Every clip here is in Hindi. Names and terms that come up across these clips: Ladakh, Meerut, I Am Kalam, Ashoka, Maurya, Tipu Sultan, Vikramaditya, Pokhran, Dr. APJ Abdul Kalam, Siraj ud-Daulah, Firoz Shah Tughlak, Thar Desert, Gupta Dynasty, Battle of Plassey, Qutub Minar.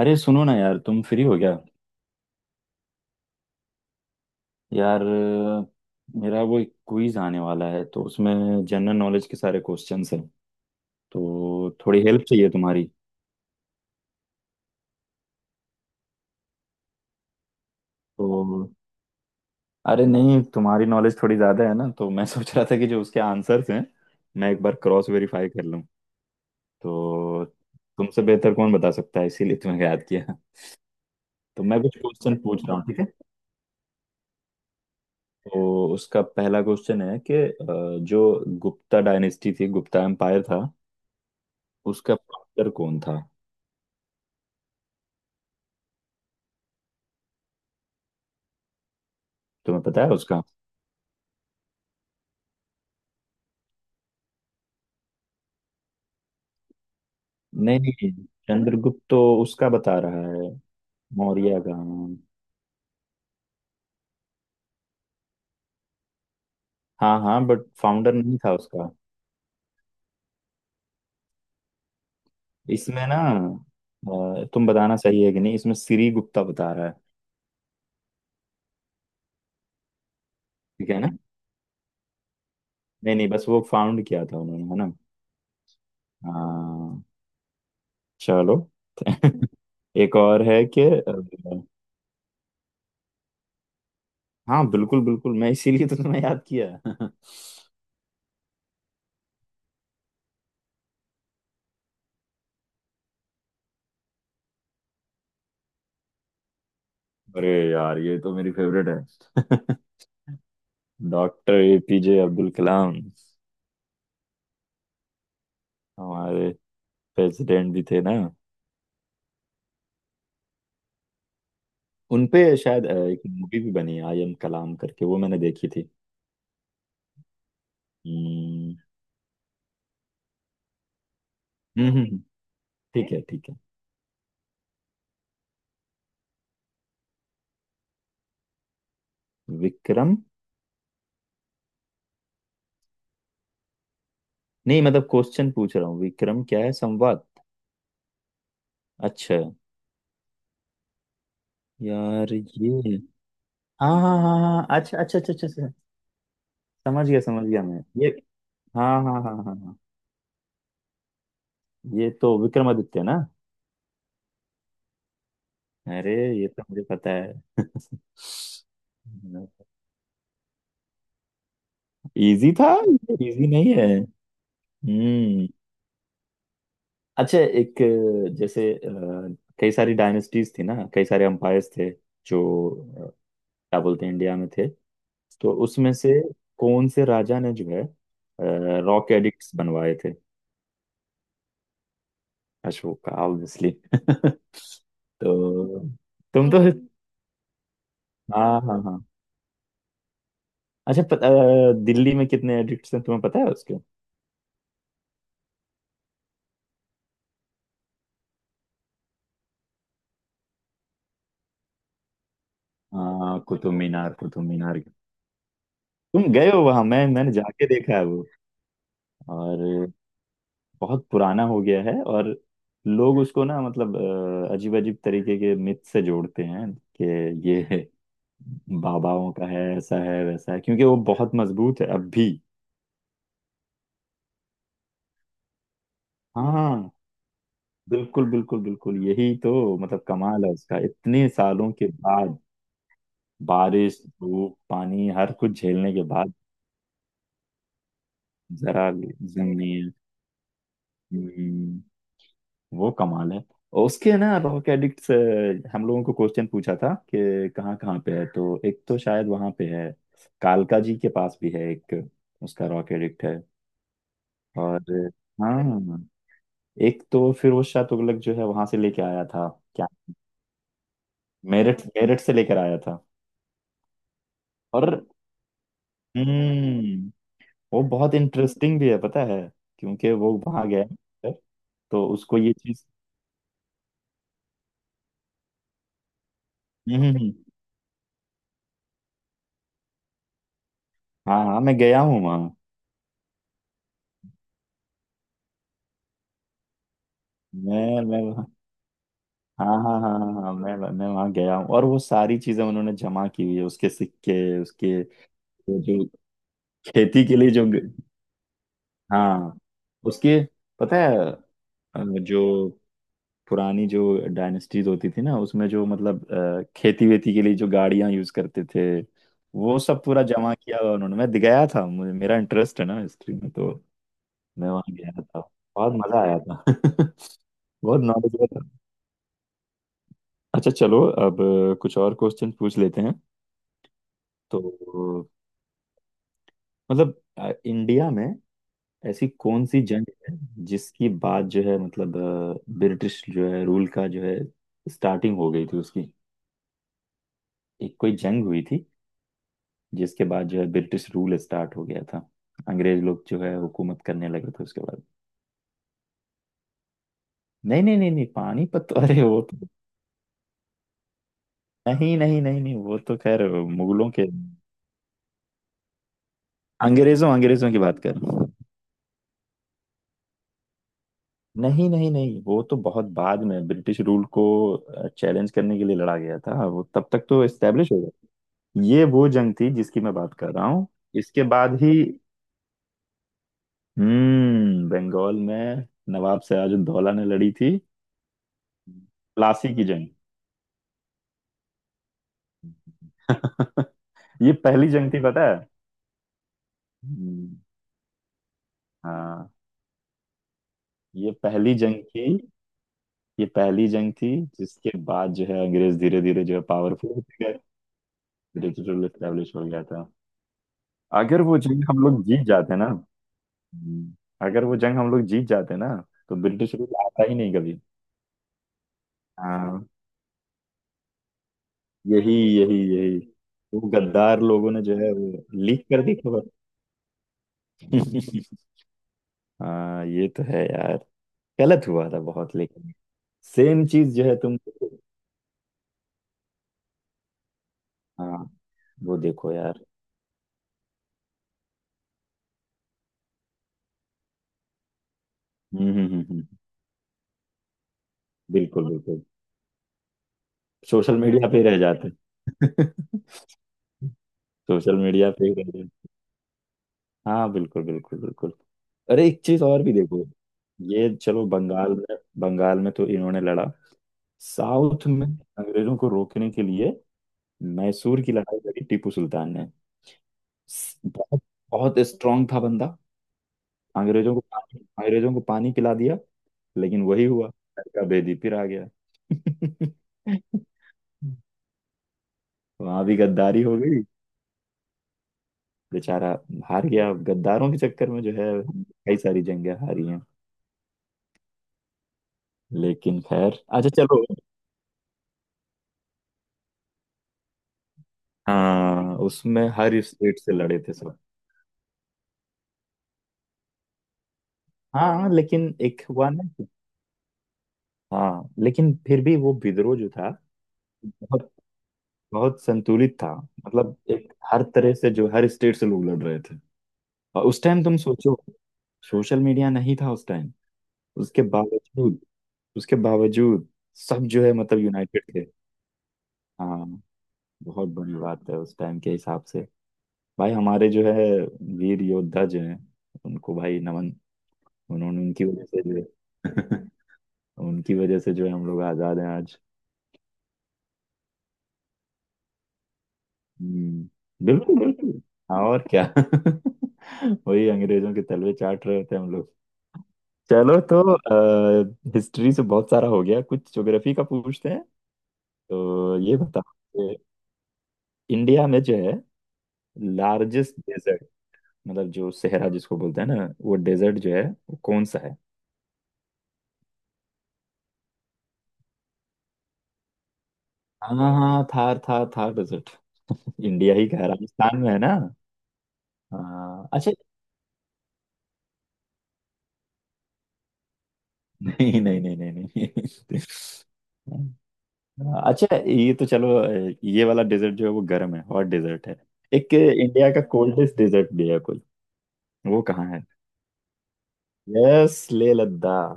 अरे सुनो ना यार, तुम फ्री हो क्या? यार मेरा वो एक क्विज आने वाला है, तो उसमें जनरल नॉलेज के सारे क्वेश्चंस हैं। तो थोड़ी हेल्प चाहिए तुम्हारी। तो अरे नहीं, तुम्हारी नॉलेज थोड़ी ज़्यादा है ना, तो मैं सोच रहा था कि जो उसके आंसर्स हैं मैं एक बार क्रॉस वेरीफाई कर लूँ। तो तुमसे बेहतर कौन बता सकता है, इसीलिए तुम्हें याद किया। तो मैं कुछ क्वेश्चन पूछ रहा हूँ, ठीक है? तो उसका पहला क्वेश्चन है कि जो गुप्ता डायनेस्टी थी, गुप्ता एम्पायर था, उसका फाउंडर कौन था? तुम्हें पता है उसका? नहीं नहीं, चंद्रगुप्त तो उसका बता रहा है मौर्य का। हाँ हाँ, बट फाउंडर नहीं था उसका। इसमें ना तुम बताना सही है कि नहीं, इसमें श्री गुप्ता बता रहा है, ठीक है ना? नहीं नहीं, बस वो फाउंड किया था उन्होंने, है ना। हाँ चलो एक और है कि हाँ बिल्कुल बिल्कुल, मैं इसीलिए तो तुम्हें याद किया अरे यार, ये तो मेरी फेवरेट है डॉक्टर एपीजे अब्दुल कलाम। हमारे प्रेसिडेंट भी थे ना। उनपे शायद एक मूवी भी बनी आई एम कलाम करके, वो मैंने देखी थी। हम्म हम्म, हम्म, हम्म, ठीक है ठीक है। विक्रम। नहीं मतलब क्वेश्चन पूछ रहा हूँ, विक्रम क्या है संवाद? अच्छा। यार ये, हाँ हाँ हाँ हाँ, अच्छा अच्छा अच्छा अच्छा अच्छा, समझ गया मैं ये। हाँ हाँ हाँ हाँ हाँ, ये तो विक्रमादित्य ना। अरे, ये तो मुझे पता है इजी था? इजी नहीं है। हम्म। अच्छा एक जैसे कई सारी डायनेस्टीज थी ना, कई सारे एम्पायर्स थे जो अ, क्या बोलते हैं, इंडिया में थे। तो उसमें से कौन से राजा ने जो है रॉक एडिक्ट्स बनवाए थे? अशोक, ऑब्वियसली तो तुम तो, हम्म, हाँ हाँ हाँ। अच्छा दिल्ली में कितने एडिक्ट्स हैं तुम्हें पता है उसके? हाँ, कुतुब मीनार, कुतुब मीनार। तुम गए हो वहां? मैंने जाके देखा है वो। और बहुत पुराना हो गया है। और लोग उसको ना मतलब अजीब अजीब तरीके के मिथ से जोड़ते हैं कि ये बाबाओं का है, ऐसा है वैसा है, क्योंकि वो बहुत मजबूत है अब भी। हाँ बिल्कुल बिल्कुल बिल्कुल, यही तो। मतलब कमाल है उसका, इतने सालों के बाद, बारिश धूप पानी हर कुछ झेलने के बाद। जरा जमीन। हम्म, वो कमाल है। और उसके ना रॉक एडिक्ट से हम लोगों को क्वेश्चन पूछा था कि कहाँ कहाँ पे है, तो एक तो शायद वहाँ पे है, कालका जी के पास भी है एक, उसका रॉक एडिक्ट है। और हाँ, एक तो फिरोज शाह तुगलक जो है वहां से लेके आया था। क्या, मेरठ? मेरठ से लेकर आया था। और हम्म वो बहुत इंटरेस्टिंग भी है, पता है? क्योंकि वो वहां गया है, तो उसको ये चीज। हम्म हम्म, हम्म, हाँ हाँ मैं गया हूँ वहाँ। मैं, हाँ हाँ हाँ हाँ हाँ, मैं वहाँ गया हूँ, और वो सारी चीजें उन्होंने जमा की हुई है। उसके सिक्के, उसके वो जो खेती के लिए जो, हाँ, उसके, पता है जो पुरानी जो डायनेस्टीज होती थी ना, उसमें जो मतलब खेती वेती के लिए जो गाड़ियां यूज करते थे, वो सब पूरा जमा किया हुआ उन्होंने। मैं गया था, मुझे, मेरा इंटरेस्ट है ना हिस्ट्री में, तो मैं वहाँ गया था, बहुत मजा आया था बहुत नॉलेज था। अच्छा चलो, अब कुछ और क्वेश्चन पूछ लेते हैं। तो मतलब इंडिया में ऐसी कौन सी जंग है जिसकी बात जो है मतलब ब्रिटिश जो है रूल का जो है स्टार्टिंग हो गई थी उसकी? एक कोई जंग हुई थी जिसके बाद जो है ब्रिटिश रूल स्टार्ट हो गया था, अंग्रेज लोग जो है हुकूमत करने लगे थे उसके बाद। नहीं नहीं नहीं नहीं, पानीपत तो, अरे वो तो। नहीं नहीं नहीं नहीं, वो तो खैर मुगलों के। अंग्रेजों अंग्रेजों की बात कर। नहीं नहीं नहीं, वो तो बहुत बाद में ब्रिटिश रूल को चैलेंज करने के लिए लड़ा गया था, वो तब तक तो एस्टेब्लिश हो गया। ये वो जंग थी जिसकी मैं बात कर रहा हूँ, इसके बाद ही। हम्म, बंगाल में नवाब सिराजुद्दौला ने लड़ी थी, प्लासी की जंग। ये पहली जंग थी, पता है? हम्म, हाँ, ये पहली जंग थी। ये पहली जंग थी जिसके बाद जो है अंग्रेज धीरे धीरे जो है पावरफुल होते गए। ब्रिटिश रूल एस्टेब्लिश हो गया था। अगर वो जंग हम लोग जीत जाते ना, हम्म, अगर वो जंग हम लोग जीत जाते ना, तो ब्रिटिश रूल आता ही नहीं कभी। हाँ, यही यही यही, वो गद्दार लोगों ने जो है वो लीक कर दी खबर। हाँ ये तो है यार, गलत हुआ था बहुत, लेकिन सेम चीज जो है तुम। हाँ, वो देखो यार। हम्म हम्म हम्म हम्म, बिल्कुल बिल्कुल। सोशल मीडिया पे ही रह जाते सोशल मीडिया पे ही रह जाते। हाँ बिल्कुल बिल्कुल बिल्कुल। अरे, एक चीज और भी देखो। ये चलो, बंगाल में, बंगाल में तो इन्होंने लड़ा। साउथ में अंग्रेजों को रोकने के लिए मैसूर की लड़ाई लड़ी टीपू सुल्तान ने। बहुत बहुत स्ट्रांग था बंदा। अंग्रेजों को पानी, अंग्रेजों को पानी पिला दिया। लेकिन वही हुआ, लड़का बेदी फिर आ गया वहां भी गद्दारी हो गई। बेचारा हार गया, गद्दारों के चक्कर में जो है कई सारी जंगें हारी हैं। लेकिन खैर, अच्छा चलो। हाँ, उसमें हर स्टेट से लड़े थे सब। हाँ लेकिन एक हुआ ना, हाँ लेकिन फिर भी वो विद्रोह जो था बहुत बहुत संतुलित था। मतलब एक हर तरह से जो, हर स्टेट से लोग लड़ रहे थे। और उस टाइम तुम सोचो, सोशल मीडिया नहीं था उस टाइम। उसके बावजूद, उसके बावजूद, सब जो है मतलब यूनाइटेड थे। हाँ, बहुत बड़ी बात है उस टाइम के हिसाब से। भाई हमारे जो है वीर योद्धा जो हैं, उनको भाई नमन। उन्होंने, उनकी वजह से जो है उनकी वजह से जो है हम लोग आजाद हैं आज। हम्म, बिल्कुल बिल्कुल। हाँ और क्या वही अंग्रेजों के तलवे चाट रहे होते हैं हम लोग। चलो तो, हिस्ट्री से बहुत सारा हो गया, कुछ ज्योग्राफी का पूछते हैं। तो ये बताओ कि इंडिया में जो है लार्जेस्ट डेजर्ट, मतलब जो सहरा जिसको बोलते हैं ना वो डेजर्ट जो है, वो कौन सा है? हाँ हाँ, थार, थार, थार डेजर्ट इंडिया ही कह, राजस्थान में है ना? हाँ, अच्छा नहीं नहीं नहीं नहीं नहीं हाँ, अच्छा ये तो चलो, ये वाला डेजर्ट जो है वो गर्म है, हॉट डेजर्ट है। एक इंडिया का कोल्डेस्ट डेजर्ट भी है कोई, वो कहाँ है? यस, लेह लद्दाख।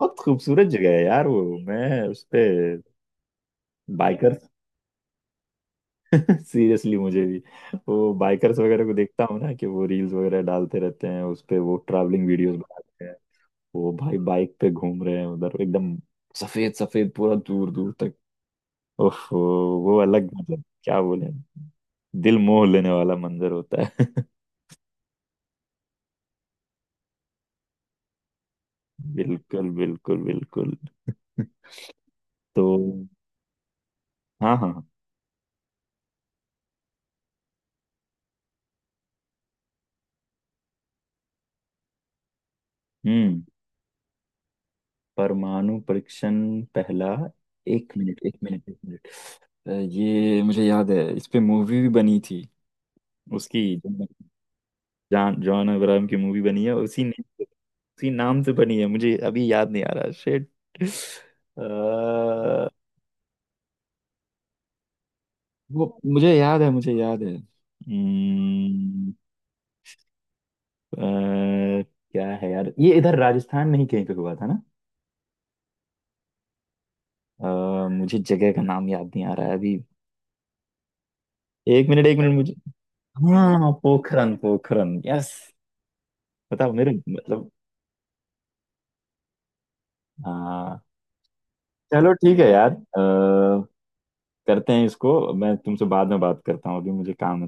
बहुत खूबसूरत जगह है यार वो। मैं उस पे, बाइकर्स सीरियसली मुझे भी, वो बाइकर्स वगैरह को देखता हूँ ना कि वो रील्स वगैरह डालते रहते हैं उस पे, वो ट्रैवलिंग वीडियोस बनाते हैं। वो भाई बाइक पे घूम रहे हैं उधर एकदम, सफेद सफेद पूरा, दूर दूर तक। उफ, वो अलग, मतलब क्या बोले, दिल मोह लेने वाला मंजर होता है बिल्कुल बिल्कुल बिल्कुल। तो हाँ हाँ हाँ। हम्म, परमाणु परीक्षण, पहला। एक मिनट एक मिनट एक मिनट, ये मुझे याद है, इस पे मूवी भी बनी थी उसकी। जॉन जॉन अब्राहम की मूवी बनी है उसी ने, उसी नाम से बनी है, मुझे अभी याद नहीं आ रहा, शिट। वो मुझे याद है, मुझे याद है, अ, क्या है यार, ये इधर राजस्थान नहीं कहीं पे हुआ था ना, मुझे जगह का नाम याद नहीं आ रहा है अभी। एक मिनट मुझे। हाँ, पोखरन पोखरन, यस। बताओ मेरे मतलब। हाँ चलो ठीक है यार, करते हैं इसको, मैं तुमसे बाद में बात करता हूँ, अभी मुझे काम है।